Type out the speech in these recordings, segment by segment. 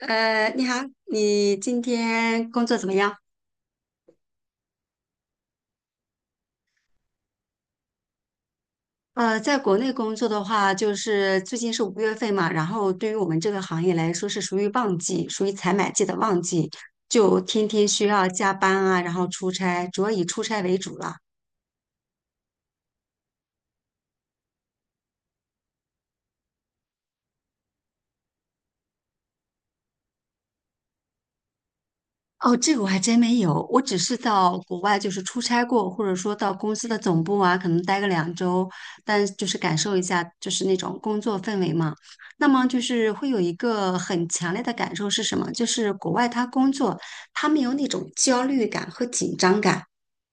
你好。你今天工作怎么样？在国内工作的话，就是最近是五月份嘛，然后对于我们这个行业来说是属于旺季，属于采买季的旺季，就天天需要加班啊，然后出差，主要以出差为主了。哦，这个我还真没有，我只是到国外就是出差过，或者说到公司的总部啊，可能待个2周，但就是感受一下就是那种工作氛围嘛。那么就是会有一个很强烈的感受是什么？就是国外他工作，他没有那种焦虑感和紧张感。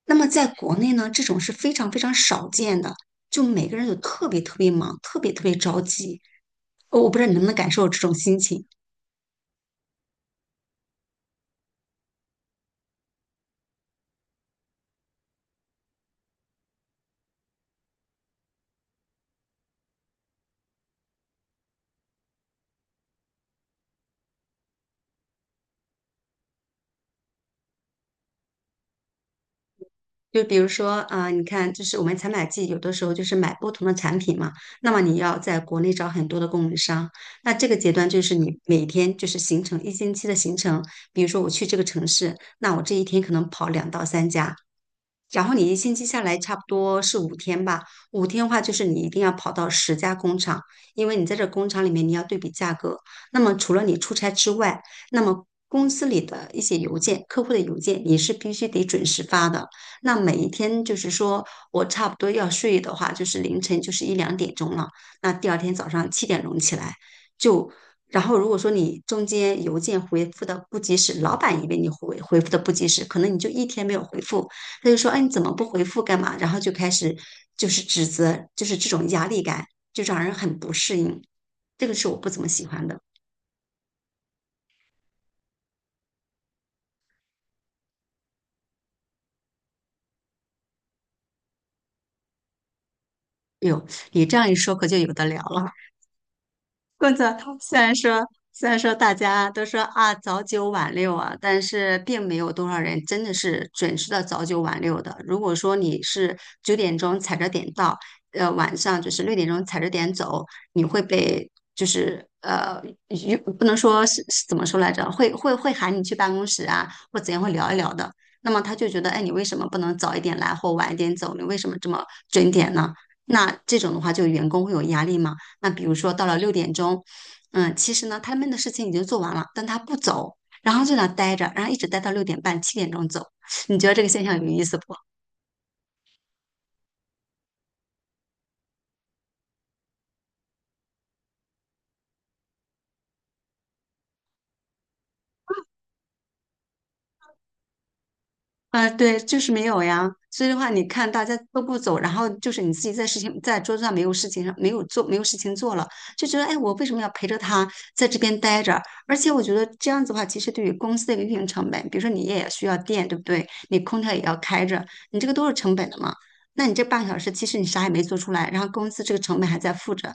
那么在国内呢，这种是非常非常少见的，就每个人都特别特别忙，特别特别着急。我不知道你能不能感受这种心情。就比如说，你看，就是我们采买季有的时候就是买不同的产品嘛，那么你要在国内找很多的供应商，那这个阶段就是你每天就是形成一星期的行程，比如说我去这个城市，那我这一天可能跑两到三家，然后你一星期下来差不多是五天吧，五天的话就是你一定要跑到10家工厂，因为你在这工厂里面你要对比价格。那么除了你出差之外，那么公司里的一些邮件、客户的邮件你是必须得准时发的。那每一天就是说我差不多要睡的话，就是凌晨就是一两点钟了，那第二天早上七点钟起来就。然后，如果说你中间邮件回复的不及时，老板以为你回复的不及时，可能你就一天没有回复，他就说：“哎，你怎么不回复干嘛？”然后就开始就是指责，就是这种压力感，就让人很不适应。这个是我不怎么喜欢的。哎呦，你这样一说，可就有的聊了。工作虽然说虽然说大家都说啊早九晚六啊，但是并没有多少人真的是准时的早九晚六的。如果说你是九点钟踩着点到，晚上就是六点钟踩着点走，你会被就是不能说是怎么说来着，会喊你去办公室啊，或怎样会聊一聊的。那么他就觉得，哎，你为什么不能早一点来或晚一点走？你为什么这么准点呢？那这种的话，就员工会有压力吗？那比如说到了六点钟，嗯，其实呢他们的事情已经做完了，但他不走，然后就在那待着，然后一直待到6点半、七点钟走。你觉得这个现象有意思不？啊，对，就是没有呀。所以的话，你看大家都不走，然后就是你自己在事情在桌子上没有事情上没有做没有事情做了，就觉得哎，我为什么要陪着他在这边待着？而且我觉得这样子的话，其实对于公司的一个运营成本，比如说你也需要电，对不对？你空调也要开着，你这个都是成本的嘛。那你这半小时其实你啥也没做出来，然后公司这个成本还在付着。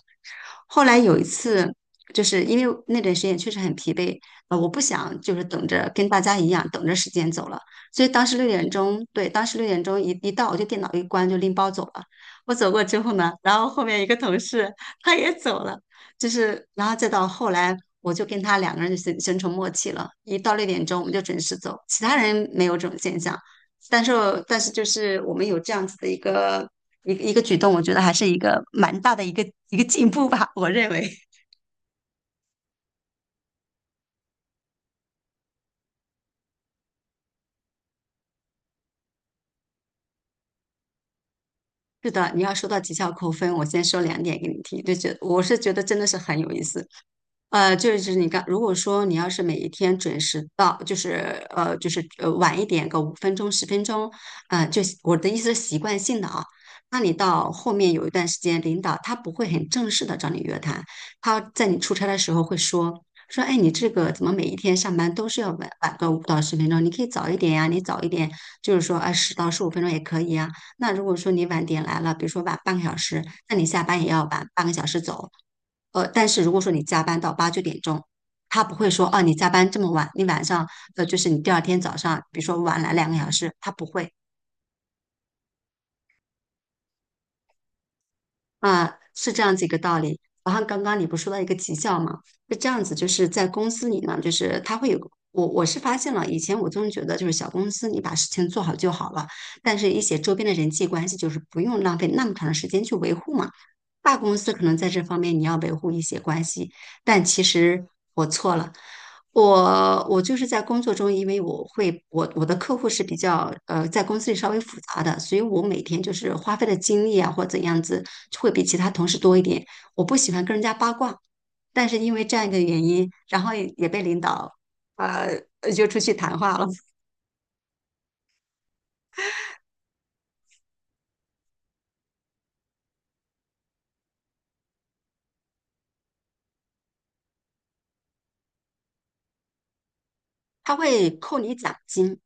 后来有一次，就是因为那段时间确实很疲惫，我不想就是等着跟大家一样等着时间走了，所以当时六点钟，对，当时六点钟一到，我就电脑一关就拎包走了。我走过之后呢，然后后面一个同事他也走了，就是然后再到后来，我就跟他两个人就形成默契了，一到六点钟我们就准时走，其他人没有这种现象。但是但是就是我们有这样子的一个举动，我觉得还是一个蛮大的一个进步吧，我认为。是的，你要说到绩效扣分，我先说两点给你听，我是觉得真的是很有意思。就是你刚，如果说你要是每一天准时到，就是晚一点个五分钟、十分钟，就是我的意思是习惯性的啊。那你到后面有一段时间，领导他不会很正式的找你约谈，他在你出差的时候会说，哎，你这个怎么每一天上班都是要晚个五到十分钟？你可以早一点呀，你早一点就是说啊十到十五分钟也可以呀。那如果说你晚点来了，比如说晚半个小时，那你下班也要晚半个小时走。但是如果说你加班到八九点钟，他不会说哦，你加班这么晚，你晚上就是你第二天早上，比如说晚来2个小时，他不会。啊，是这样子一个道理。然后刚刚你不是说到一个绩效嘛，是这样子，就是在公司里呢，就是他会有个我是发现了，以前我总觉得就是小公司你把事情做好就好了，但是一些周边的人际关系就是不用浪费那么长的时间去维护嘛。大公司可能在这方面你要维护一些关系，但其实我错了。我就是在工作中，因为我会我我的客户是比较在公司里稍微复杂的，所以我每天就是花费的精力啊或怎样子会比其他同事多一点。我不喜欢跟人家八卦，但是因为这样一个原因，然后也被领导呃约出去谈话了。他会扣你奖金。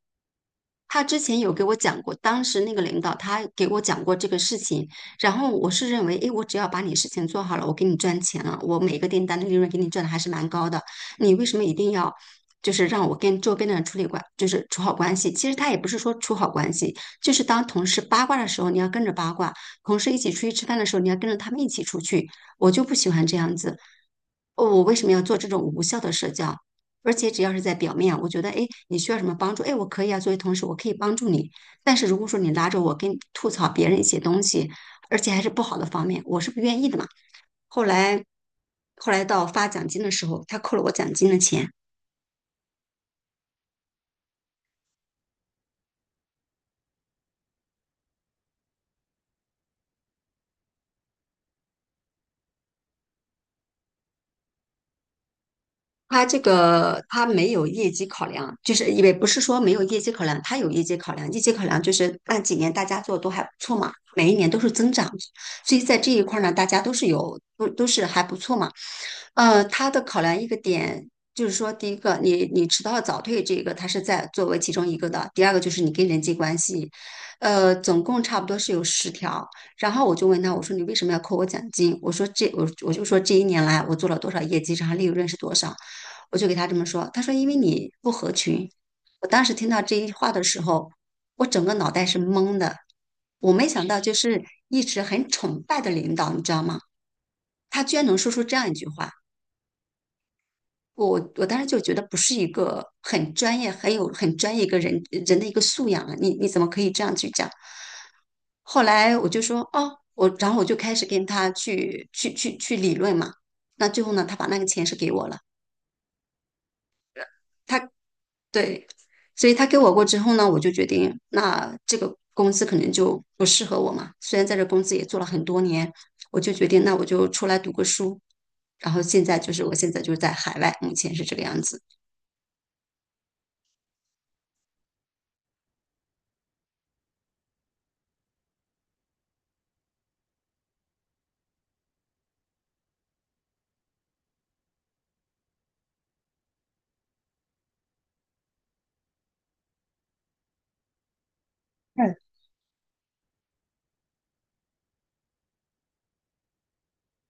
他之前有给我讲过，当时那个领导他给我讲过这个事情，然后我是认为，诶，我只要把你事情做好了，我给你赚钱了，我每个订单的利润给你赚的还是蛮高的，你为什么一定要就是让我跟周边的人处理关，就是处好关系？其实他也不是说处好关系，就是当同事八卦的时候，你要跟着八卦；同事一起出去吃饭的时候，你要跟着他们一起出去。我就不喜欢这样子，哦我为什么要做这种无效的社交？而且只要是在表面，我觉得，哎，你需要什么帮助？哎，我可以啊，作为同事，我可以帮助你。但是如果说你拉着我跟吐槽别人一些东西，而且还是不好的方面，我是不愿意的嘛。后来，后来到发奖金的时候，他扣了我奖金的钱。它这个它没有业绩考量，就是也不是说没有业绩考量，它有业绩考量。业绩考量就是那几年大家做的都还不错嘛，每一年都是增长，所以在这一块儿呢，大家都是有都都是还不错嘛。它的考量一个点就是说，第一个你迟到早退这个它是在作为其中一个的，第二个就是你跟人际关系，总共差不多是有10条。然后我就问他，我说你为什么要扣我奖金？我说这我就说这一年来我做了多少业绩，然后利润是多少？我就给他这么说，他说因为你不合群。我当时听到这一话的时候，我整个脑袋是懵的。我没想到就是一直很崇拜的领导，你知道吗？他居然能说出这样一句话。我当时就觉得不是一个很专业、很专业一个人的一个素养啊，你怎么可以这样去讲？后来我就说哦，然后我就开始跟他去理论嘛。那最后呢，他把那个钱是给我了。他对，所以他给我过之后呢，我就决定，那这个公司可能就不适合我嘛。虽然在这公司也做了很多年，我就决定，那我就出来读个书。然后现在就是，我现在就是在海外，目前是这个样子。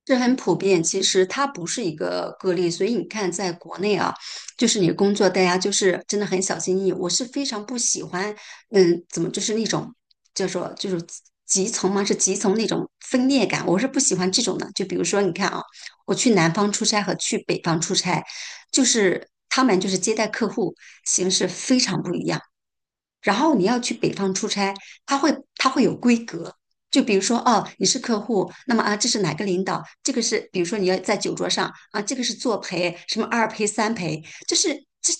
这很普遍，其实它不是一个个例，所以你看，在国内啊，就是你工作，大家就是真的很小心翼翼。我是非常不喜欢，嗯，怎么就是那种叫做就是集从嘛，是集从那种分裂感，我是不喜欢这种的。就比如说，你看啊，我去南方出差和去北方出差，就是他们就是接待客户形式非常不一样。然后你要去北方出差，他会有规格，就比如说哦，你是客户，那么啊，这是哪个领导？这个是比如说你要在酒桌上啊，这个是作陪，什么二陪三陪，就是这，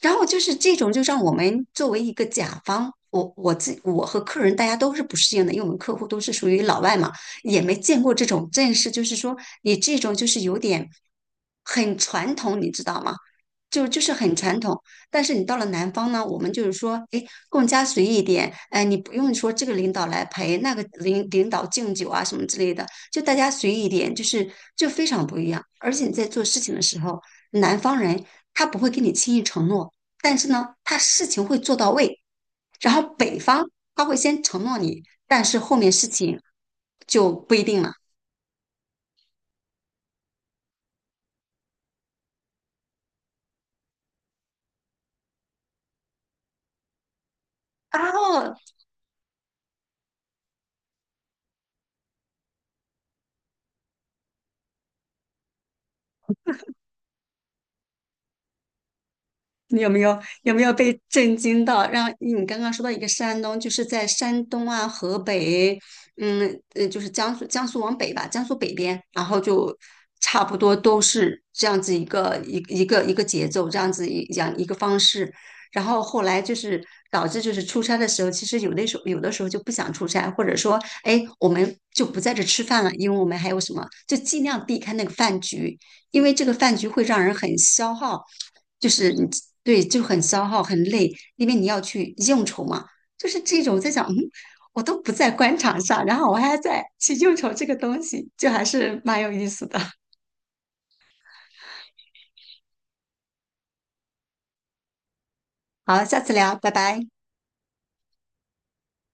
然后就是这种就让我们作为一个甲方。我和客人大家都是不适应的，因为我们客户都是属于老外嘛，也没见过这种阵势，就是说你这种就是有点很传统，你知道吗？就是很传统。但是你到了南方呢，我们就是说，哎，更加随意一点，哎，你不用说这个领导来陪，那个领导敬酒啊什么之类的，就大家随意一点，就非常不一样。而且你在做事情的时候，南方人他不会给你轻易承诺，但是呢，他事情会做到位。然后北方他会先承诺你，但是后面事情就不一定了。然后你有没有被震惊到？让你刚刚说到一个山东，就是在山东啊、河北，就是江苏往北吧，江苏北边，然后就差不多都是这样子一个一个节奏，这样子一样一个方式。然后后来就是导致就是出差的时候，其实有的时候就不想出差，或者说，哎，我们就不在这吃饭了，因为我们还有什么，就尽量避开那个饭局。因为这个饭局会让人很消耗，就是你对就很消耗很累，因为你要去应酬嘛。就是这种在想，嗯，我都不在官场上，然后我还在去应酬这个东西，就还是蛮有意思的。好，下次聊，拜拜。